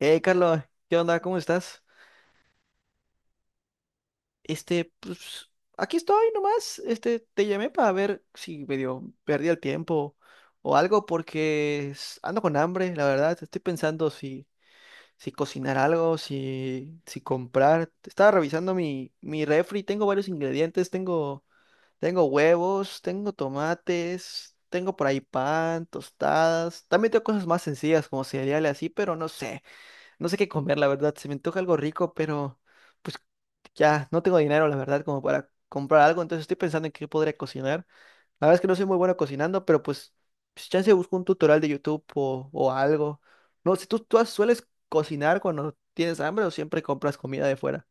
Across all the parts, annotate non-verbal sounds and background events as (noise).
Hey, Carlos, ¿qué onda? ¿Cómo estás? Este, pues, aquí estoy nomás. Te llamé para ver si medio perdí el tiempo o algo porque ando con hambre, la verdad. Estoy pensando si cocinar algo, si comprar. Estaba revisando mi refri, tengo varios ingredientes, tengo huevos, tengo tomates, tengo por ahí pan, tostadas. También tengo cosas más sencillas como cereales así, pero no sé. No sé qué comer, la verdad. Se me antoja algo rico, pero pues ya no tengo dinero, la verdad, como para comprar algo. Entonces estoy pensando en qué podría cocinar. La verdad es que no soy muy bueno cocinando, pero pues chance busco un tutorial de YouTube o algo. No sé, tú sueles cocinar cuando tienes hambre o siempre compras comida de fuera?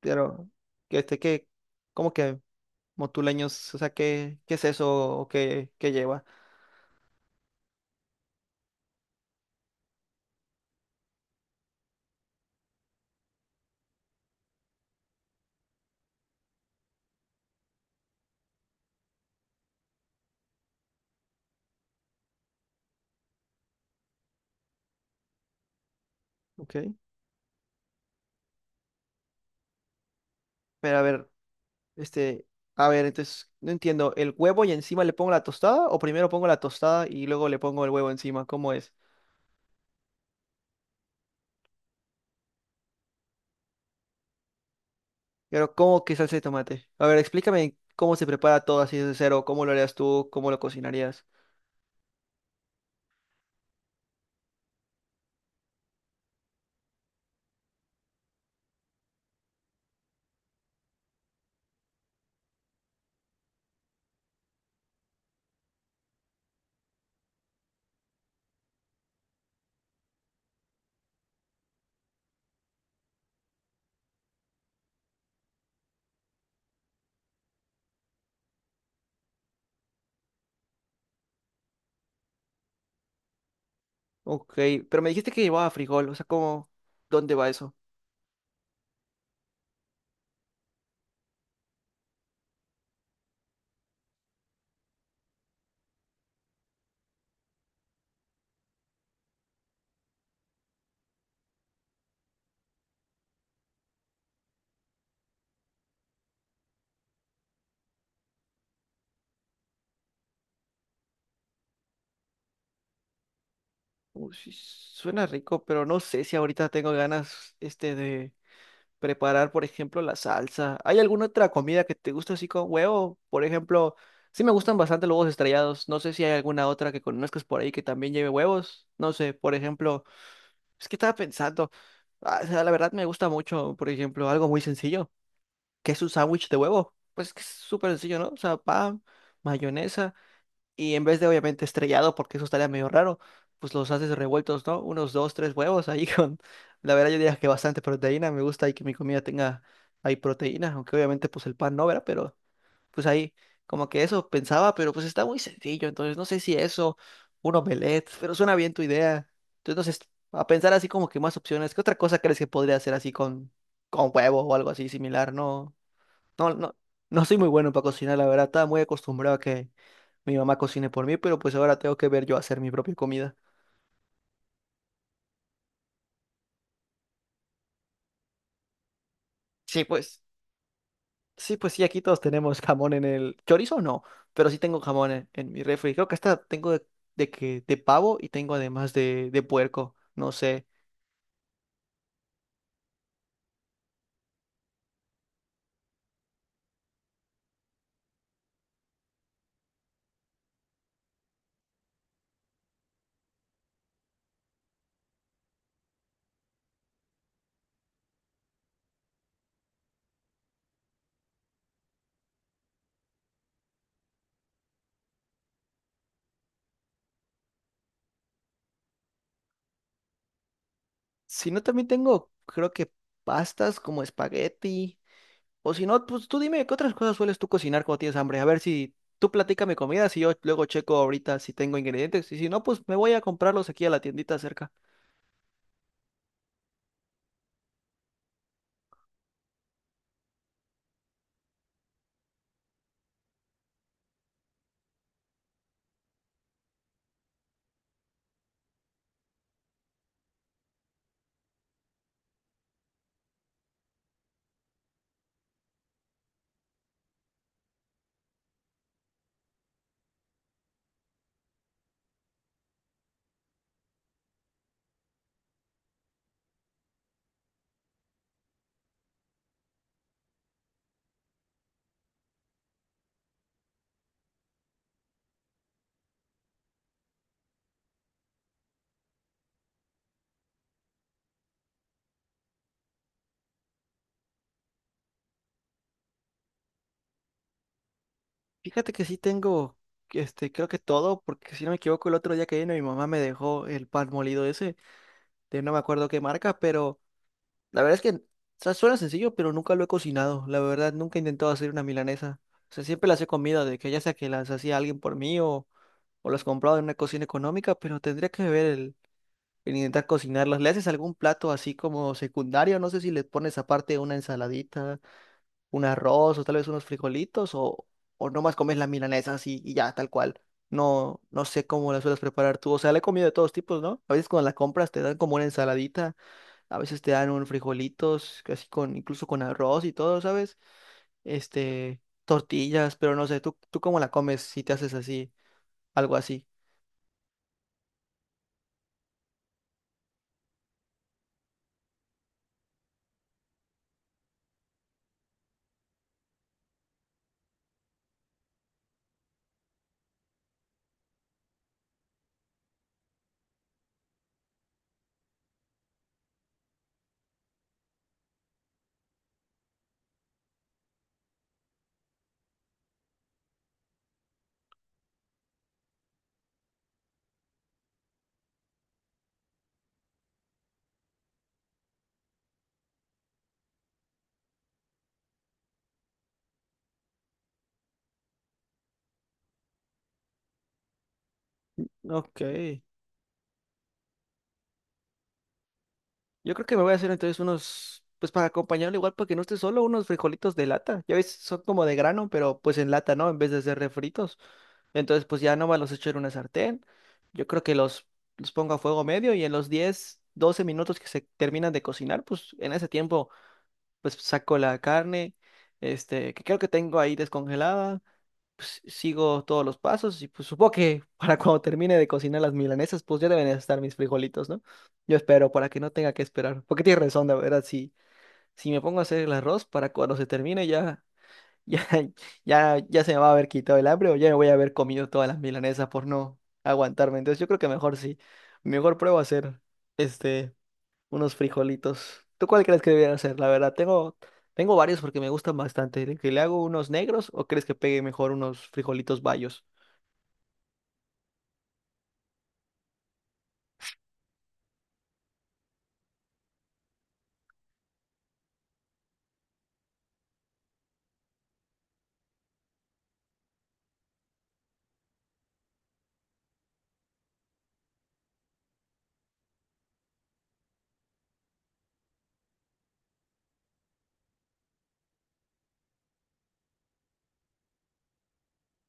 Pero, que este, que, cómo que motuleños, o sea, qué es eso o qué lleva? Ok. Pero a ver. Este, a ver, entonces, no entiendo, ¿el huevo y encima le pongo la tostada? ¿O primero pongo la tostada y luego le pongo el huevo encima? ¿Cómo es? Pero, ¿cómo que salsa de tomate? A ver, explícame cómo se prepara todo así de cero, cómo lo harías tú, cómo lo cocinarías. Ok, pero me dijiste que llevaba frijol, o sea, ¿cómo? ¿Dónde va eso? Uy, sí, suena rico, pero no sé si ahorita tengo ganas, de... preparar, por ejemplo, la salsa. ¿Hay alguna otra comida que te guste así con huevo? Por ejemplo, sí me gustan bastante los huevos estrellados. No sé si hay alguna otra que conozcas por ahí que también lleve huevos. No sé, por ejemplo, es que estaba pensando, ah, o sea, la verdad me gusta mucho, por ejemplo, algo muy sencillo, que es un sándwich de huevo. Pues es que es súper sencillo, ¿no? O sea, pan, mayonesa. Y en vez de obviamente estrellado, porque eso estaría medio raro, pues los haces revueltos, ¿no? Unos dos, tres huevos ahí (laughs) con, la verdad yo diría que bastante proteína, me gusta ahí que mi comida tenga ahí proteína, aunque obviamente pues el pan no, ¿verdad? Pero pues ahí como que eso pensaba, pero pues está muy sencillo, entonces no sé si eso, un omelette, pero suena bien tu idea. Entonces, a pensar así como que más opciones, ¿qué otra cosa crees que podría hacer así con huevo o algo así similar, ¿no? No, no soy muy bueno para cocinar, la verdad. Estaba muy acostumbrado a que mi mamá cocine por mí, pero pues ahora tengo que ver yo hacer mi propia comida. Sí, pues, sí, pues sí, aquí todos tenemos jamón en el chorizo, no, pero sí tengo jamón en mi refri. Creo que hasta tengo de pavo y tengo además de puerco, no sé. Si no, también tengo, creo que pastas como espagueti. O si no, pues tú dime, ¿qué otras cosas sueles tú cocinar cuando tienes hambre? A ver si tú platícame comidas y yo luego checo ahorita si tengo ingredientes. Y si no, pues me voy a comprarlos aquí a la tiendita cerca. Fíjate que sí tengo, creo que todo, porque si no me equivoco, el otro día que vino mi mamá me dejó el pan molido ese, de no me acuerdo qué marca, pero la verdad es que, o sea, suena sencillo, pero nunca lo he cocinado. La verdad, nunca he intentado hacer una milanesa. O sea, siempre las he comido, de que ya sea que las hacía alguien por mí o las compraba en una cocina económica, pero tendría que ver el que intentas cocinarlos. ¿Le haces algún plato así como secundario? No sé si le pones aparte una ensaladita, un arroz o tal vez unos frijolitos o nomás comes las milanesas así y ya, tal cual. No, no sé cómo las sueles preparar tú. O sea, la he comido de todos tipos, ¿no? A veces cuando la compras te dan como una ensaladita, a veces te dan un frijolitos, así con, incluso con arroz y todo, ¿sabes? Tortillas, pero no sé, tú cómo la comes si te haces así, algo así? Ok. Yo creo que me voy a hacer entonces unos, pues para acompañarlo igual, para que no esté solo, unos frijolitos de lata. Ya ves, son como de grano, pero pues en lata, ¿no? En vez de ser refritos. Entonces, pues ya nomás los echo en una sartén. Yo creo que los pongo a fuego medio y en los 10 o 12 minutos que se terminan de cocinar, pues en ese tiempo, pues saco la carne, que creo que tengo ahí descongelada pues, sigo todos los pasos y pues supongo que (laughs) para cuando termine de cocinar las milanesas, pues ya deben estar mis frijolitos, ¿no? Yo espero para que no tenga que esperar, porque tienes razón, la verdad, si me pongo a hacer el arroz para cuando se termine ya, (laughs) ya se me va a haber quitado el hambre o ya me voy a haber comido todas las milanesas por no aguantarme. Entonces yo creo que mejor sí, mejor pruebo a hacer este unos frijolitos. ¿Tú cuál crees que debería hacer? La verdad, tengo varios porque me gustan bastante. ¿Que le hago unos negros o crees que pegue mejor unos frijolitos bayos?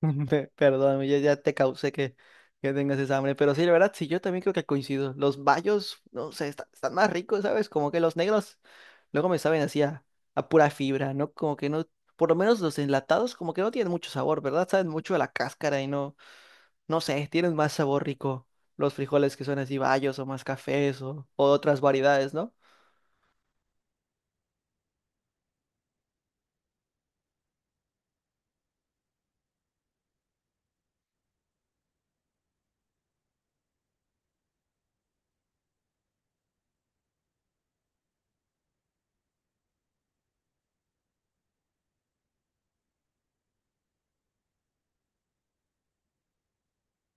(laughs) Perdóname, ya te causé que tengas esa hambre. Pero sí, la verdad, sí, yo también creo que coincido. Los bayos, no sé, están más ricos, ¿sabes? Como que los negros luego me saben a pura fibra, ¿no? Como que no, por lo menos los enlatados como que no tienen mucho sabor, ¿verdad? Saben mucho a la cáscara y no. No sé, tienen más sabor rico los frijoles que son así bayos o más cafés o otras variedades, ¿no?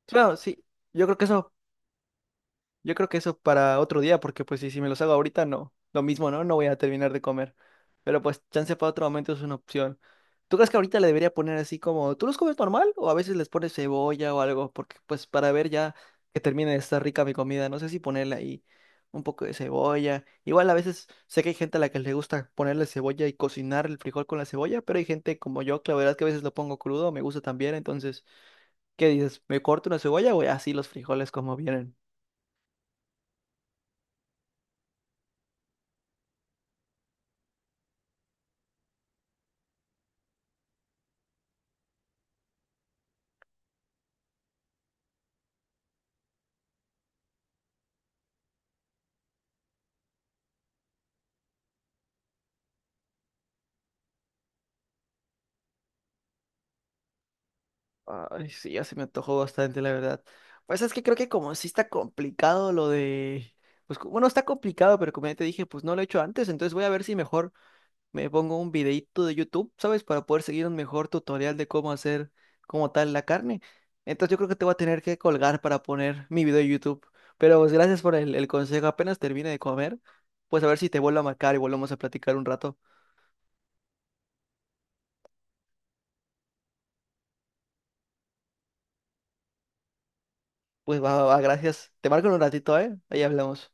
Claro, sí, yo creo que eso Yo creo que eso para otro día, porque pues si me los hago ahorita, no. Lo mismo, ¿no? No voy a terminar de comer. Pero pues chance para otro momento es una opción. ¿Tú crees que ahorita le debería poner así como, ¿tú los comes normal? O a veces les pones cebolla o algo, porque pues para ver ya que termine de estar rica mi comida, no sé si ponerle ahí un poco de cebolla. Igual a veces sé que hay gente a la que le gusta ponerle cebolla y cocinar el frijol con la cebolla, pero hay gente como yo que la verdad es que a veces lo pongo crudo, me gusta también, entonces, ¿qué dices? ¿Me corto una cebolla o así los frijoles como vienen? Ay, sí, ya se me antojó bastante, la verdad. Pues es que creo que como sí está complicado lo de... Pues bueno, está complicado, pero como ya te dije, pues no lo he hecho antes, entonces voy a ver si mejor me pongo un videíto de YouTube, ¿sabes? Para poder seguir un mejor tutorial de cómo hacer como tal la carne. Entonces yo creo que te voy a tener que colgar para poner mi video de YouTube. Pero pues gracias por el consejo. Apenas termine de comer, pues a ver si te vuelvo a marcar y volvemos a platicar un rato. Pues va, va, va, gracias. Te marco en un ratito, ¿eh? Ahí hablamos.